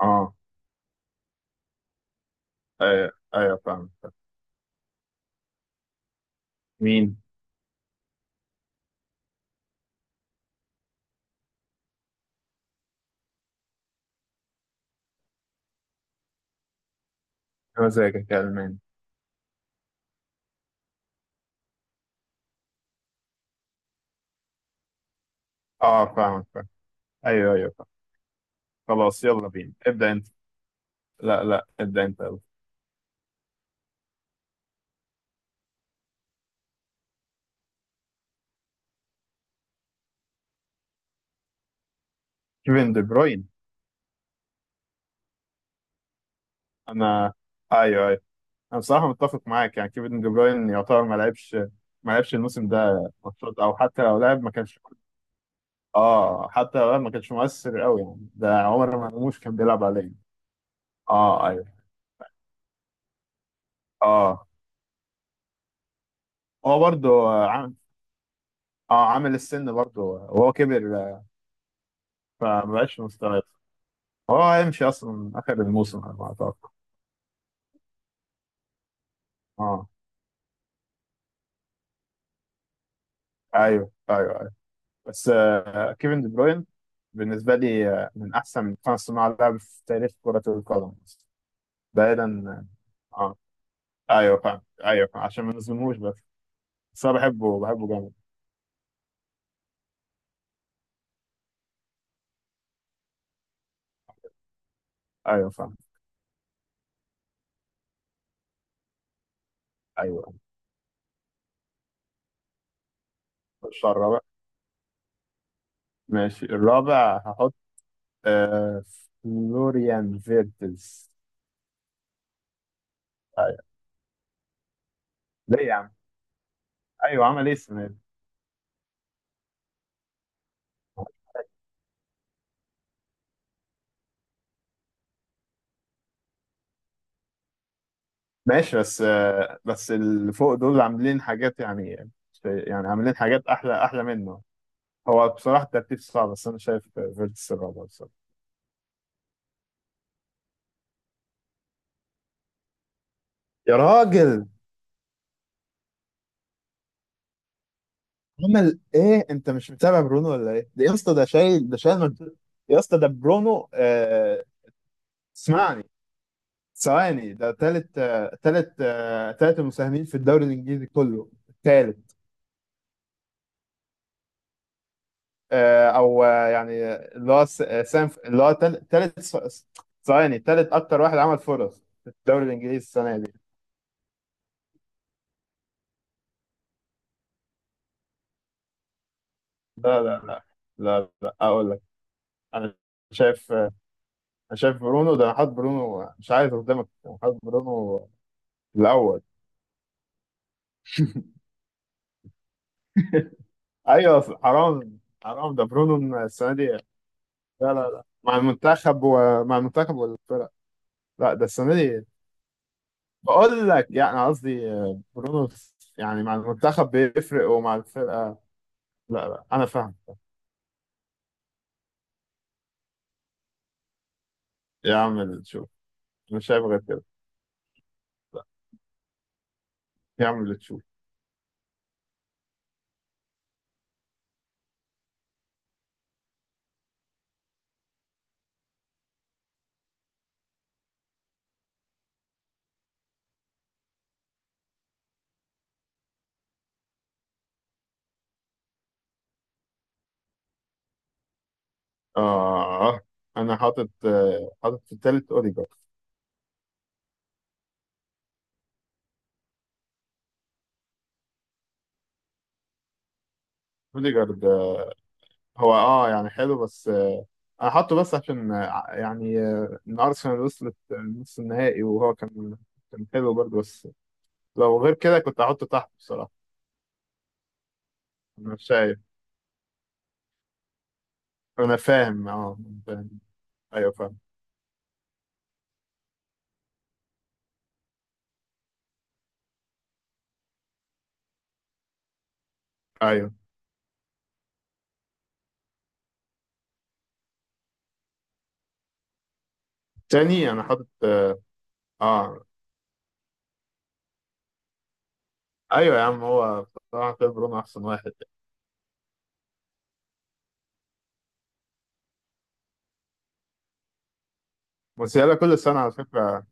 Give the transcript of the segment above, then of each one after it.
اه، ايوه ايوه فاهم فاهم. مين؟ مزاجك يا الماني. اه فاهم فاهم. ايوه ايوه فاهم. خلاص يلا بينا، ابدا انت. لا لا، ابدا انت يلا. كيفن دي بروين. انا. ايوه ايوه. انا بصراحه متفق معاك، يعني كيفن دي بروين يعتبر ما لعبش. ما لعبش الموسم ده ماتشات، او حتى لو لعب ما كانش. اه، حتى لو لعب ما كانش مؤثر قوي، يعني ده عمر مرموش كان بيلعب عليه. اه ايوه. اه هو برضه عامل، اه عامل السن برضه وهو كبر. فما بقاش مستوى. هو هيمشي اصلا اخر الموسم على ما اتوقع. اه ايوه ايوه ايوه. بس كيفن دي بروين بالنسبه لي من احسن خمس صناع لعب في تاريخ كره القدم. بعيدا اه ايوه فاهم، ايوه فاهم. عشان ما نظلمهوش بس. بس انا بحبه، بحبه جامد. ايوه فاهم. ايوه الشهر الرابع. ماشي الرابع هحط آه فلوريان فيرتز. ايوه. ليه يا عم؟ ايوه عمل ايه السنه دي؟ ماشي، بس اللي فوق دول عاملين حاجات، يعني يعني عاملين حاجات احلى احلى منه. هو بصراحه الترتيب صعب، بس انا شايف فيرتس الرابع بصراحه. يا راجل، عمل ايه؟ انت مش متابع برونو ولا ايه؟ ده يا اسطى ده شايل، يا اسطى ده برونو. اسمعني، ثواني، ده تالت المساهمين في الدوري الانجليزي كله. تالت آه، او آه، يعني اللي هو سام، اللي هو تالت ثواني، تالت اكتر واحد عمل فرص في الدوري الانجليزي السنه دي. لا لا لا لا. لا، اقول لك. انا شايف برونو ده انا حاطط برونو، مش عايز قدامك، انا حاطط برونو الاول. ايوه حرام، حرام ده برونو السنه دي، لا. لا لا، مع المنتخب، ومع المنتخب والفرق. لا ده السنه دي، بقول لك، يعني قصدي برونو، يعني مع المنتخب بيفرق ومع الفرقه. لا لا، انا فاهم. يا عم، اللي تشوف. مش شايف غير كده. لا، يا عم اللي تشوف. آه أنا حاطط، حاطط في التالت أوديجارد. أوديجارد ده هو يعني حلو، بس أنا حاطه بس عشان يعني إن أرسنال وصلت نص النهائي، وهو كان حلو برضه. بس لو غير كده كنت هحطه تحت بصراحة. أنا مش شايف. أنا فاهم. أيوه فاهم. أيوه تاني، أنا حاطط آه، أيوه يا عم، هو بصراحة كده برونو أحسن واحد. موسيالا كل سنة على فكرة.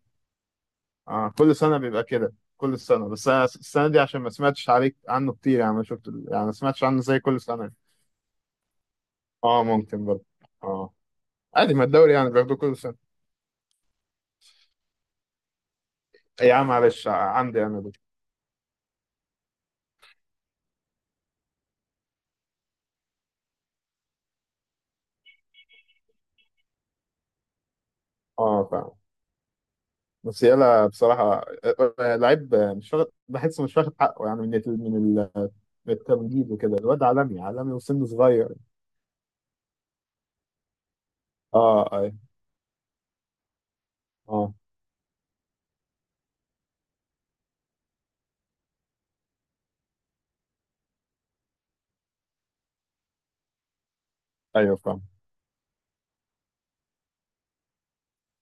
اه كل سنة بيبقى كده كل السنة، بس أنا السنة دي عشان ما سمعتش عليك عنه كتير، يعني ما شفت، يعني ما سمعتش عنه زي كل سنة يعني. اه ممكن برضه. اه عادي، ما الدوري يعني بياخدوه كل سنة. إيه يا عم؟ معلش، عندي أنا دي. اه فاهم. بس يلا بصراحة، لعيب مش واخد حقه، يعني من التمجيد وكده. الواد عالمي عالمي وسنه صغير. اه اي. اه ايوه فاهم.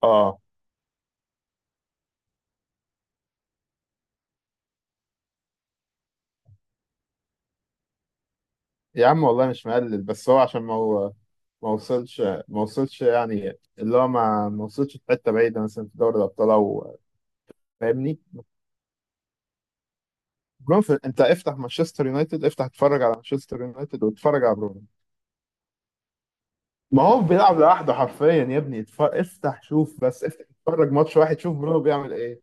اه يا عم، والله مش مقلل، بس هو عشان ما هو، ما وصلش، ما وصلش يعني، اللي هو ما وصلش في حته بعيده، مثلا في دوري الابطال او، فاهمني. انت افتح مانشستر يونايتد، افتح اتفرج على مانشستر يونايتد واتفرج على برونو. ما هو بيلعب لوحده حرفيا يا ابني. افتح شوف، بس افتح اتفرج ماتش واحد، شوف برونو بيعمل ايه.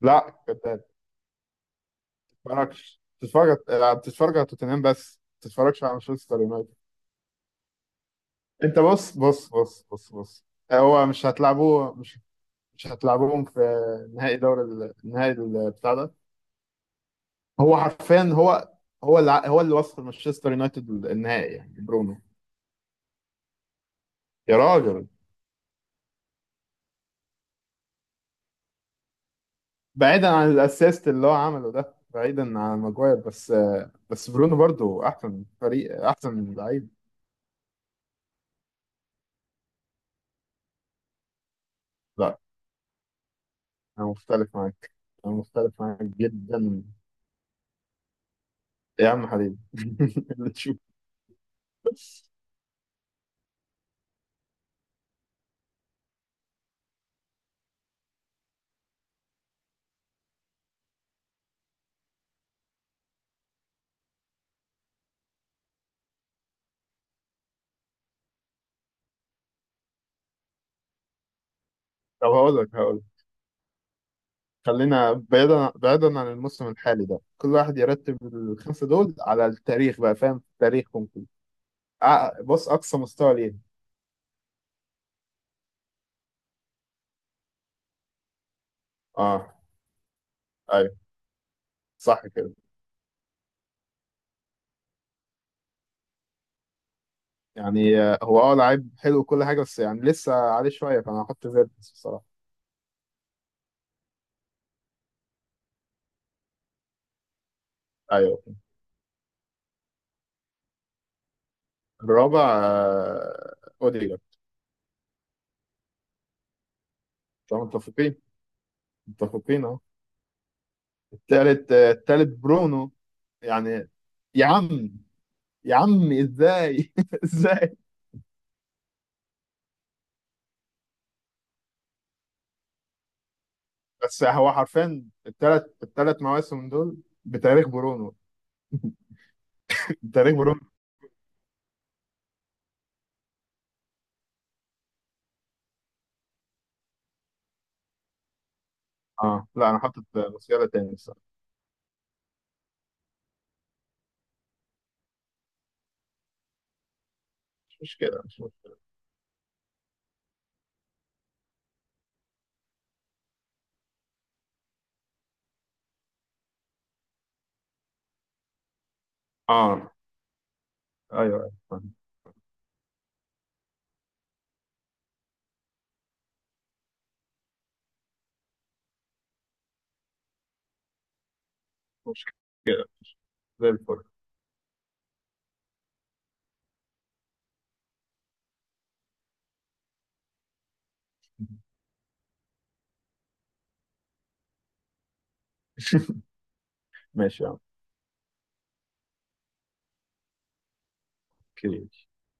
لا انت ما بتتفرجش، بتتفرج. لا، بتتفرج على توتنهام بس، ما بتتفرجش على مانشستر يونايتد. انت بص بص بص بص بص. هو مش هتلعبوه مش مش هتلعبهم في نهائي دوري النهائي بتاع ده. هو حرفيا، هو اللي وصل مانشستر يونايتد النهائي يعني برونو. يا راجل، بعيدا عن الاسيست اللي هو عمله ده، بعيدا عن ماجواير، بس بس برونو برضو احسن فريق، احسن لعيب. لا، انا مختلف معاك، انا مختلف معاك جدا. يا عم حبيبي، اللي تشوف. طب هقول لك، هقول لك. خلينا بعيدا، بعيدا عن الموسم الحالي ده، كل واحد يرتب الخمسة دول على التاريخ بقى، فاهم تاريخهم كله. بص أقصى مستوى ليه. اه أيوه، صح كده. يعني هو لعيب حلو وكل حاجة، بس يعني لسه عليه شوية، فأنا هحط فيرتس بصراحة. أيوه الرابع أوديجارد. طبعا متفقين. متفقين أهو. التالت برونو، يعني. يا عم يا عم ازاي ازاي؟ بس هو حرفيا الثلاث مواسم دول بتاريخ برونو. بتاريخ برونو. اه لا، انا حاطط موسيالا تاني الصراحه. مش مشكله، مش مشكله. اه ايوه ايوه فاهم. مش مشكله، زي الفل. ماشي يا عم. اوكي.